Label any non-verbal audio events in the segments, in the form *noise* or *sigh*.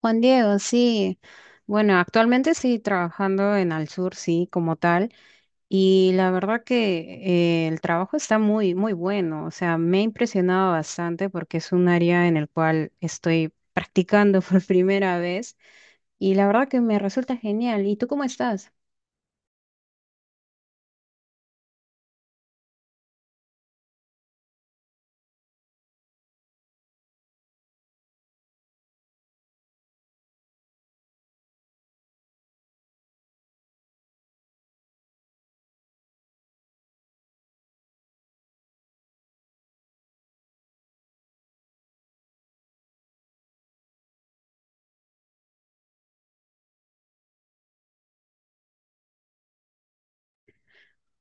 Juan Diego, sí. Bueno, actualmente sí trabajando en Al Sur, sí, como tal. Y la verdad que el trabajo está muy bueno. O sea, me ha impresionado bastante porque es un área en el cual estoy practicando *laughs* por primera vez. Y la verdad que me resulta genial. ¿Y tú cómo estás?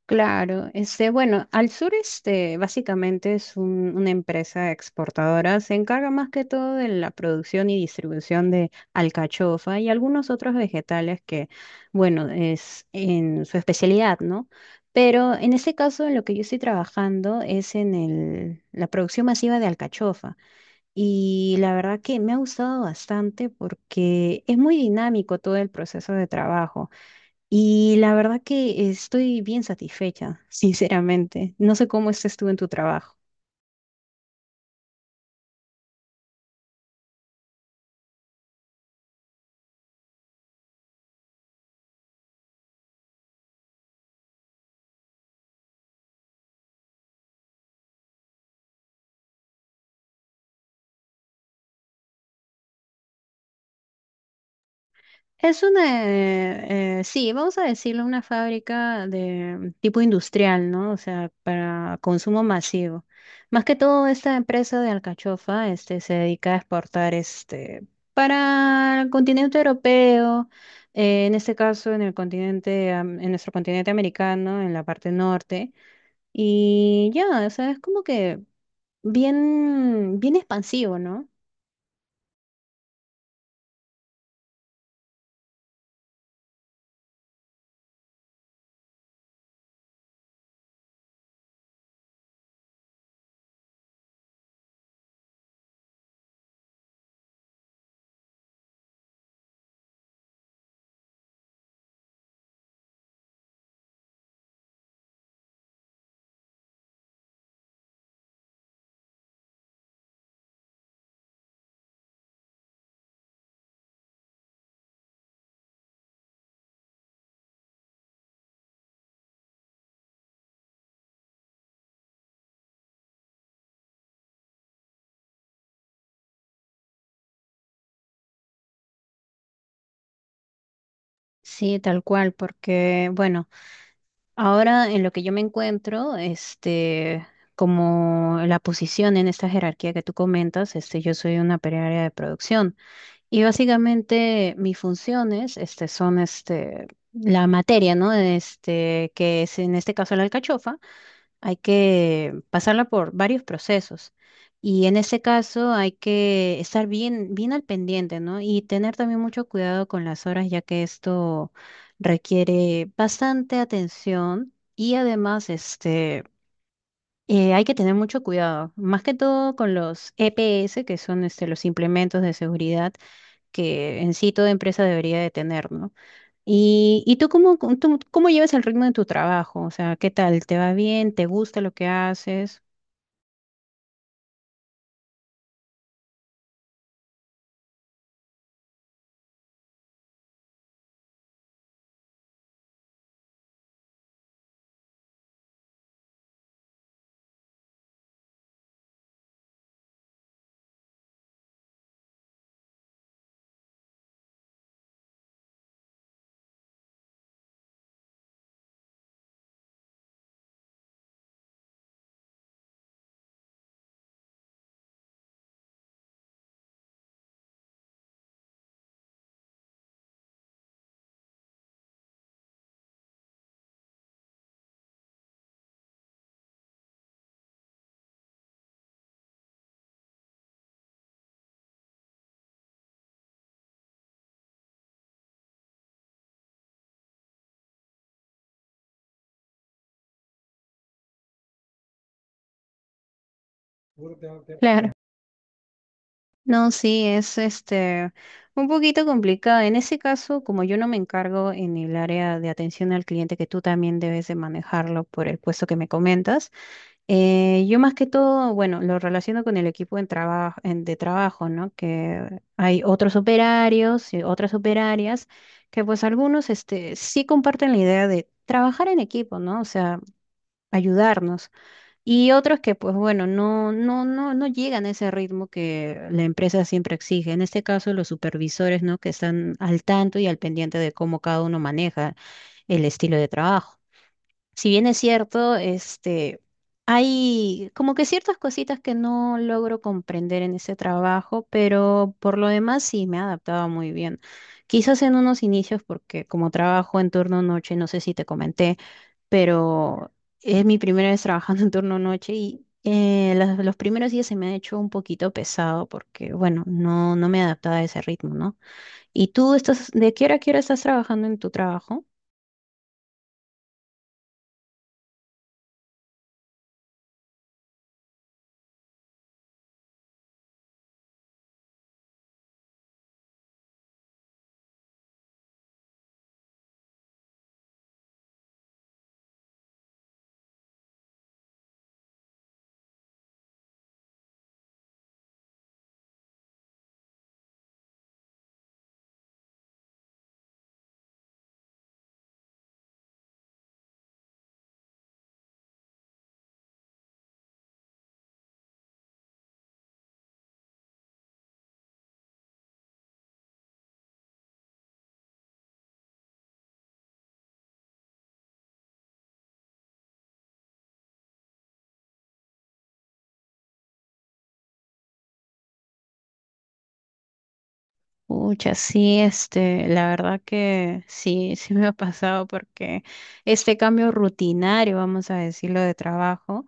Claro, este, bueno, Al Sur este, básicamente es una empresa exportadora, se encarga más que todo de la producción y distribución de alcachofa y algunos otros vegetales que, bueno, es en su especialidad, ¿no? Pero en este caso, en lo que yo estoy trabajando es en la producción masiva de alcachofa y la verdad que me ha gustado bastante porque es muy dinámico todo el proceso de trabajo. Y la verdad que estoy bien satisfecha, *laughs* sinceramente. No sé cómo estés tú en tu trabajo. Es una, sí, vamos a decirlo, una fábrica de tipo industrial, ¿no? O sea, para consumo masivo. Más que todo, esta empresa de alcachofa, este, se dedica a exportar, este, para el continente europeo, en este caso, en el continente, en nuestro continente americano, en la parte norte. Y ya, o sea, es como que bien expansivo, ¿no? Sí, tal cual, porque bueno, ahora en lo que yo me encuentro, este, como la posición en esta jerarquía que tú comentas, este, yo soy una operaria de producción y básicamente mis funciones, este, son, este, la materia, ¿no? Este, que es en este caso la alcachofa. Hay que pasarla por varios procesos. Y en ese caso hay que estar bien al pendiente, ¿no? Y tener también mucho cuidado con las horas, ya que esto requiere bastante atención y además, este, hay que tener mucho cuidado, más que todo con los EPS, que son, este, los implementos de seguridad que en sí toda empresa debería de tener, ¿no? ¿Y, tú cómo, tú cómo llevas el ritmo de tu trabajo? O sea, ¿qué tal? ¿Te va bien? ¿Te gusta lo que haces? Claro. No, sí, es este un poquito complicado. En ese caso, como yo no me encargo en el área de atención al cliente, que tú también debes de manejarlo por el puesto que me comentas, yo más que todo, bueno, lo relaciono con el equipo en de trabajo, ¿no? Que hay otros operarios y otras operarias que pues algunos este, sí comparten la idea de trabajar en equipo, ¿no? O sea, ayudarnos. Y otros que, pues bueno, no llegan a ese ritmo que la empresa siempre exige. En este caso, los supervisores, ¿no? Que están al tanto y al pendiente de cómo cada uno maneja el estilo de trabajo. Si bien es cierto, este, hay como que ciertas cositas que no logro comprender en ese trabajo, pero por lo demás sí me he adaptado muy bien. Quizás en unos inicios, porque como trabajo en turno noche, no sé si te comenté, pero es mi primera vez trabajando en turno noche y los primeros días se me ha hecho un poquito pesado porque, bueno, no me adaptaba a ese ritmo, ¿no? ¿Y tú estás, de qué hora a qué hora estás trabajando en tu trabajo? Pucha, sí, este, la verdad que sí, *laughs* sí me ha pasado porque este cambio rutinario, vamos a decirlo, de trabajo.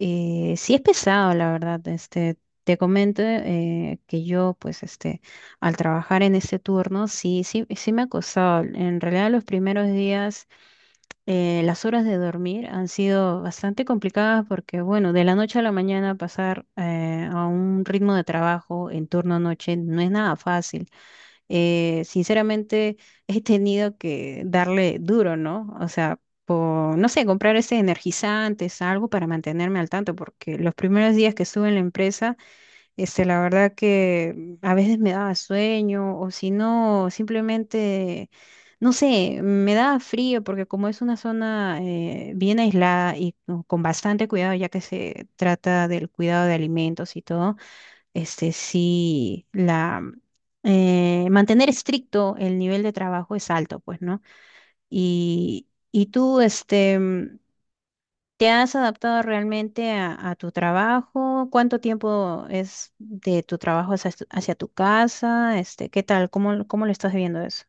Sí es pesado, la verdad. Este, te comento que yo, pues, este, al trabajar en ese turno, sí me ha costado. En realidad, los primeros días, las horas de dormir han sido bastante complicadas porque, bueno, de la noche a la mañana pasar a un ritmo de trabajo en turno noche no es nada fácil. Eh, sinceramente *laughs* he tenido que darle duro, ¿no? O sea, por, no sé, comprar ese energizantes, algo para mantenerme al tanto, porque los primeros días que estuve en la empresa, este, la verdad que a veces me daba sueño, o si no, simplemente, no sé, me daba frío, porque como es una zona bien aislada y con bastante cuidado, ya que se trata del cuidado de alimentos y todo este sí, la mantener estricto el nivel de trabajo es alto, pues, ¿no? Y, tú, este, ¿te has adaptado realmente a tu trabajo? ¿Cuánto tiempo es de tu trabajo hacia, hacia tu casa? Este, ¿qué tal? ¿Cómo, cómo lo estás viendo eso?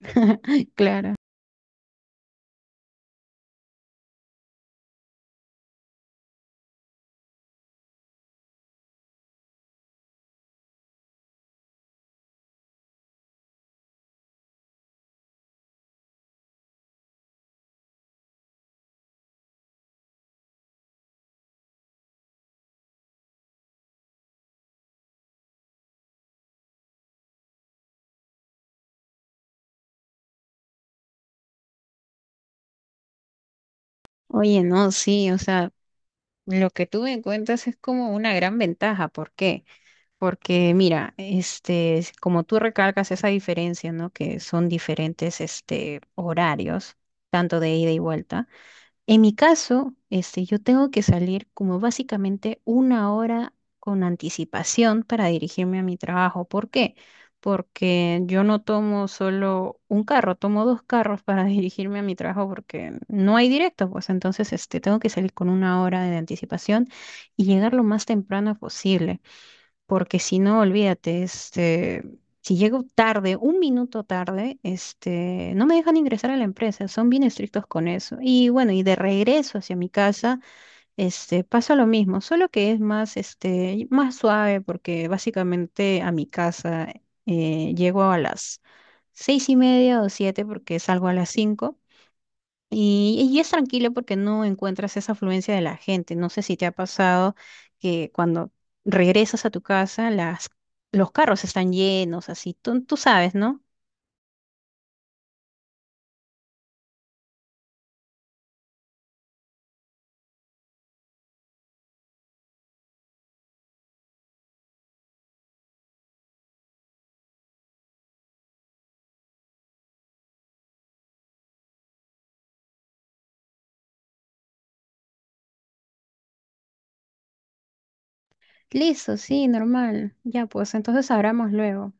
*laughs* Claro. Oye, no, sí, o sea, lo que tú me cuentas es como una gran ventaja. ¿Por qué? Porque mira, este, es como tú recalcas esa diferencia, ¿no? Que son diferentes, este, horarios, tanto de ida y vuelta. En mi caso, este, yo tengo que salir como básicamente una hora con anticipación para dirigirme a mi trabajo. ¿Por qué? Porque yo no tomo solo un carro, tomo dos carros para *laughs* dirigirme a mi trabajo porque no hay directo, pues entonces, este, tengo que salir con una hora de anticipación y llegar lo más temprano posible porque si no, olvídate, este, si llego tarde, un minuto tarde, este, no me dejan ingresar a la empresa, son bien estrictos con eso. Y bueno, y de regreso hacia mi casa, este, pasa lo mismo, solo que es más, este, más suave, porque básicamente a mi casa llego a las seis y media o siete, porque salgo a las cinco. Y, es tranquilo porque no encuentras esa afluencia de la gente. No sé si te ha pasado que cuando regresas a tu casa, las, los carros están llenos, así. Tú sabes, ¿no? Listo, sí, normal. Ya, pues entonces hablamos luego.